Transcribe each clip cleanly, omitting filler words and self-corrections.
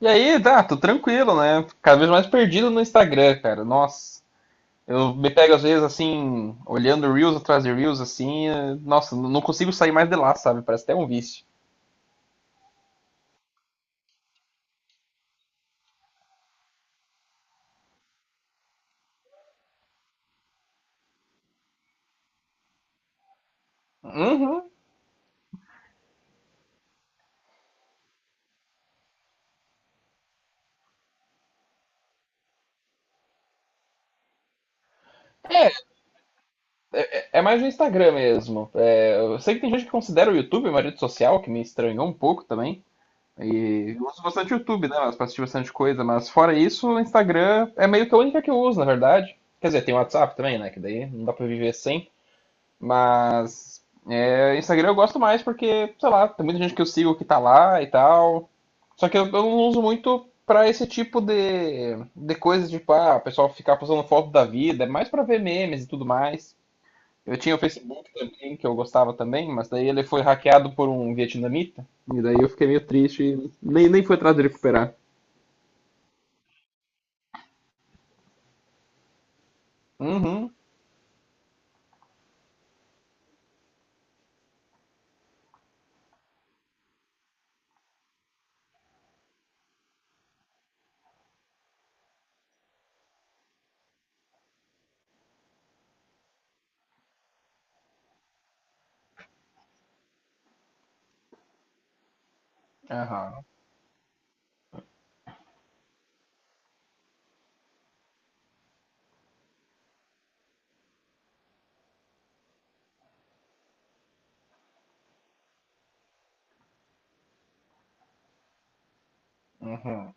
E aí, tá, tô tranquilo, né? Cada vez mais perdido no Instagram, cara. Nossa, eu me pego às vezes assim, olhando Reels atrás de Reels, assim. Nossa, não consigo sair mais de lá, sabe? Parece até um vício. Uhum. É mais no Instagram mesmo. É, eu sei que tem gente que considera o YouTube uma rede social, que me estranhou um pouco também. E eu uso bastante YouTube, né? Mas pra assistir bastante coisa. Mas fora isso, o Instagram é meio que a única que eu uso, na verdade. Quer dizer, tem o WhatsApp também, né? Que daí não dá pra viver sem. Mas é, Instagram eu gosto mais porque, sei lá, tem muita gente que eu sigo que tá lá e tal. Só que eu não uso muito pra esse tipo de coisa, tipo, ah, o pessoal ficar postando foto da vida, é mais pra ver memes e tudo mais. Eu tinha o Facebook também, que eu gostava também, mas daí ele foi hackeado por um vietnamita. E daí eu fiquei meio triste, e nem fui atrás de recuperar. Uhum, aham, uhum.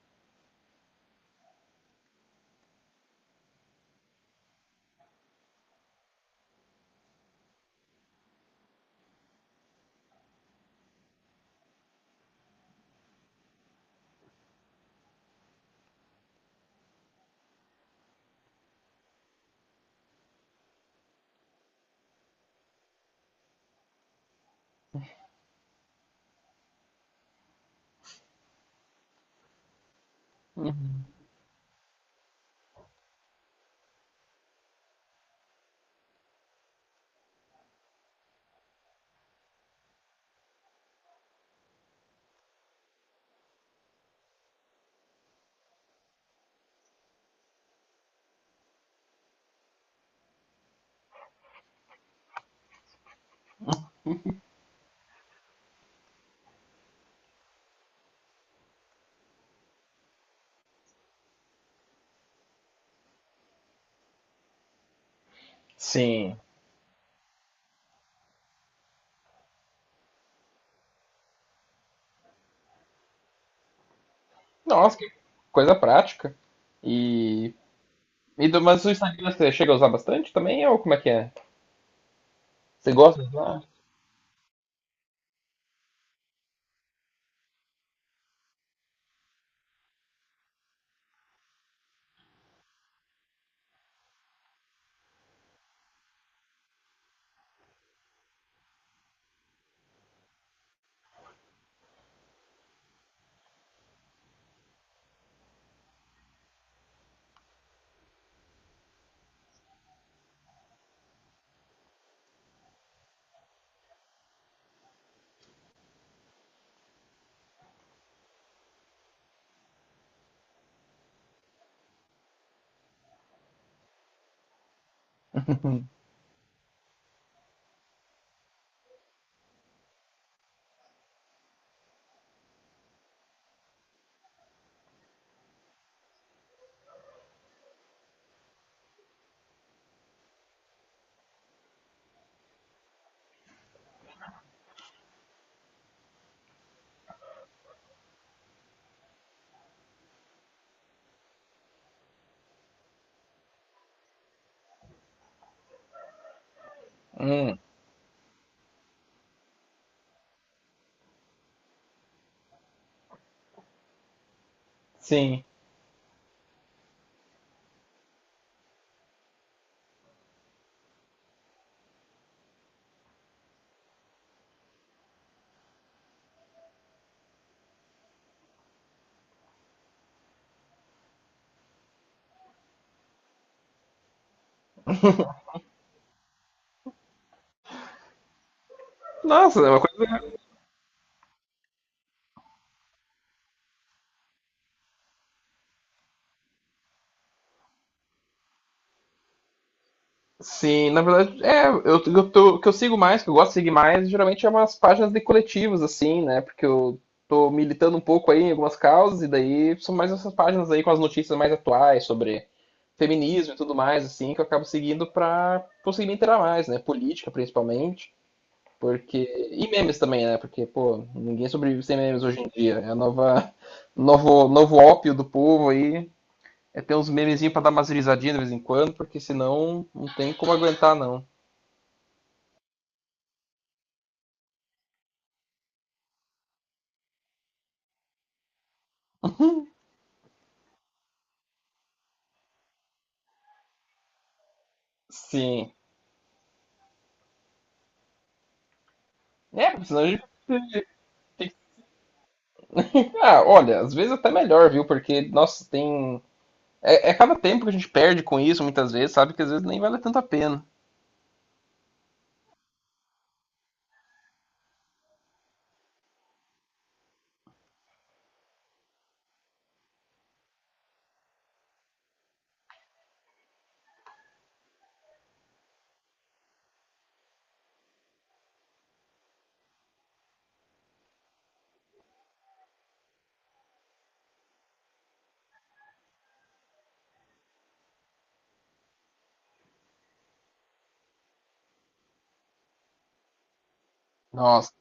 Sim. Nossa, que coisa prática. E E do- mas o Instagram você chega a usar bastante também, ou como é que é? Você gosta de usar? Hum, sim. Nossa, é uma coisa. Sim, na verdade, é, eu tô- o que eu sigo mais, que eu gosto de seguir mais, geralmente é umas páginas de coletivos, assim, né? Porque eu tô militando um pouco aí em algumas causas, e daí são mais essas páginas aí com as notícias mais atuais sobre feminismo e tudo mais, assim, que eu acabo seguindo pra conseguir me inteirar mais, né? Política, principalmente. Porque. E memes também, né? Porque, pô, ninguém sobrevive sem memes hoje em dia. É a nova. Novo, novo ópio do povo aí. É ter uns memezinhos pra dar umas risadinhas de vez em quando, porque senão não tem como aguentar, não. Sim. É, porque senão a gente tem que. Ah, olha, às vezes até melhor, viu? Porque, nossa, tem. É, é cada tempo que a gente perde com isso, muitas vezes, sabe? Que às vezes nem vale tanto a pena. Nossa,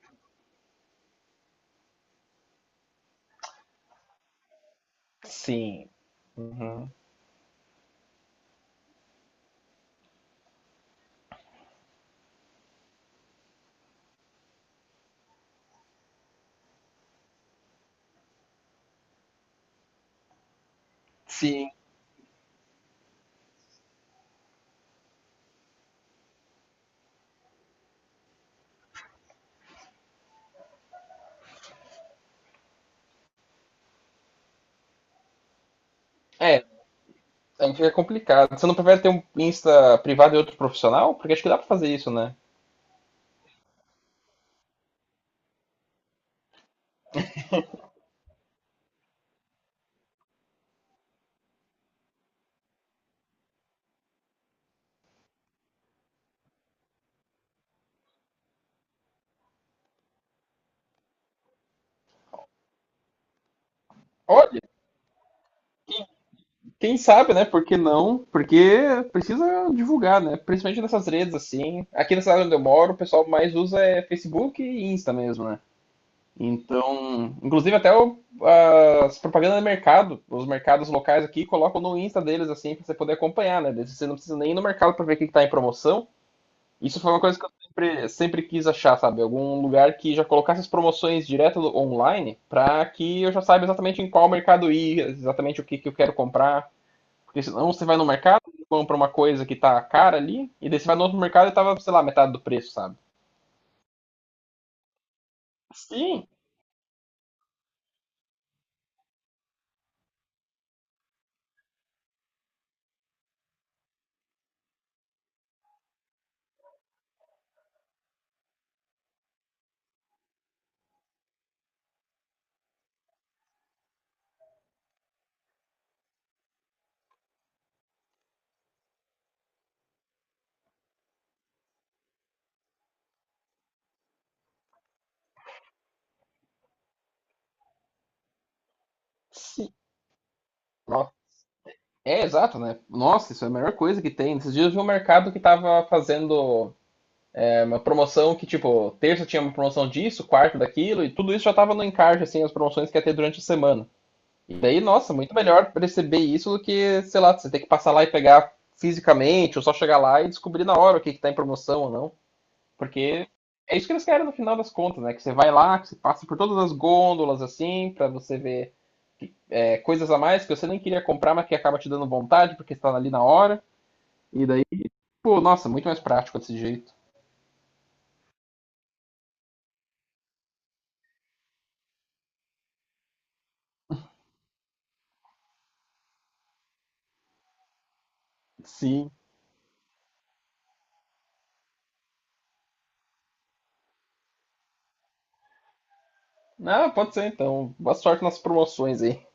sim. Uhum. Sim. É, a gente fica complicado. Você não prefere ter um Insta privado e outro profissional? Porque acho que dá pra fazer isso, né? Olha, quem sabe, né? Por que não? Porque precisa divulgar, né? Principalmente nessas redes, assim. Aqui na cidade onde eu moro, o pessoal mais usa é Facebook e Insta mesmo, né? Então, inclusive até o, as propagandas do mercado, os mercados locais aqui colocam no Insta deles, assim, pra você poder acompanhar, né? Você não precisa nem ir no mercado pra ver o que que tá em promoção. Isso foi uma coisa que eu sempre quis achar, sabe? Algum lugar que já colocasse as promoções direto do- online para que eu já saiba exatamente em qual mercado ir, exatamente o que, que eu quero comprar. Porque senão você vai no mercado, compra uma coisa que tá cara ali, e daí você vai no outro mercado e tava, sei lá, metade do preço, sabe? Sim, sim. Ó, é, exato, né? Nossa, isso é a melhor coisa que tem. Esses dias eu vi um mercado que tava fazendo uma promoção que, tipo, terça tinha uma promoção disso, quarta daquilo, e tudo isso já tava no encarte, assim, as promoções que ia ter durante a semana. Daí, nossa, muito melhor perceber isso do que, sei lá, você ter que passar lá e pegar fisicamente, ou só chegar lá e descobrir na hora o que, que tá em promoção ou não. Porque é isso que eles querem no final das contas, né? Que você vai lá, que você passa por todas as gôndolas, assim, para você ver coisas a mais que você nem queria comprar, mas que acaba te dando vontade, porque você tá ali na hora. E daí, pô, nossa, muito mais prático desse jeito. Sim. Ah, pode ser então. Boa sorte nas promoções aí.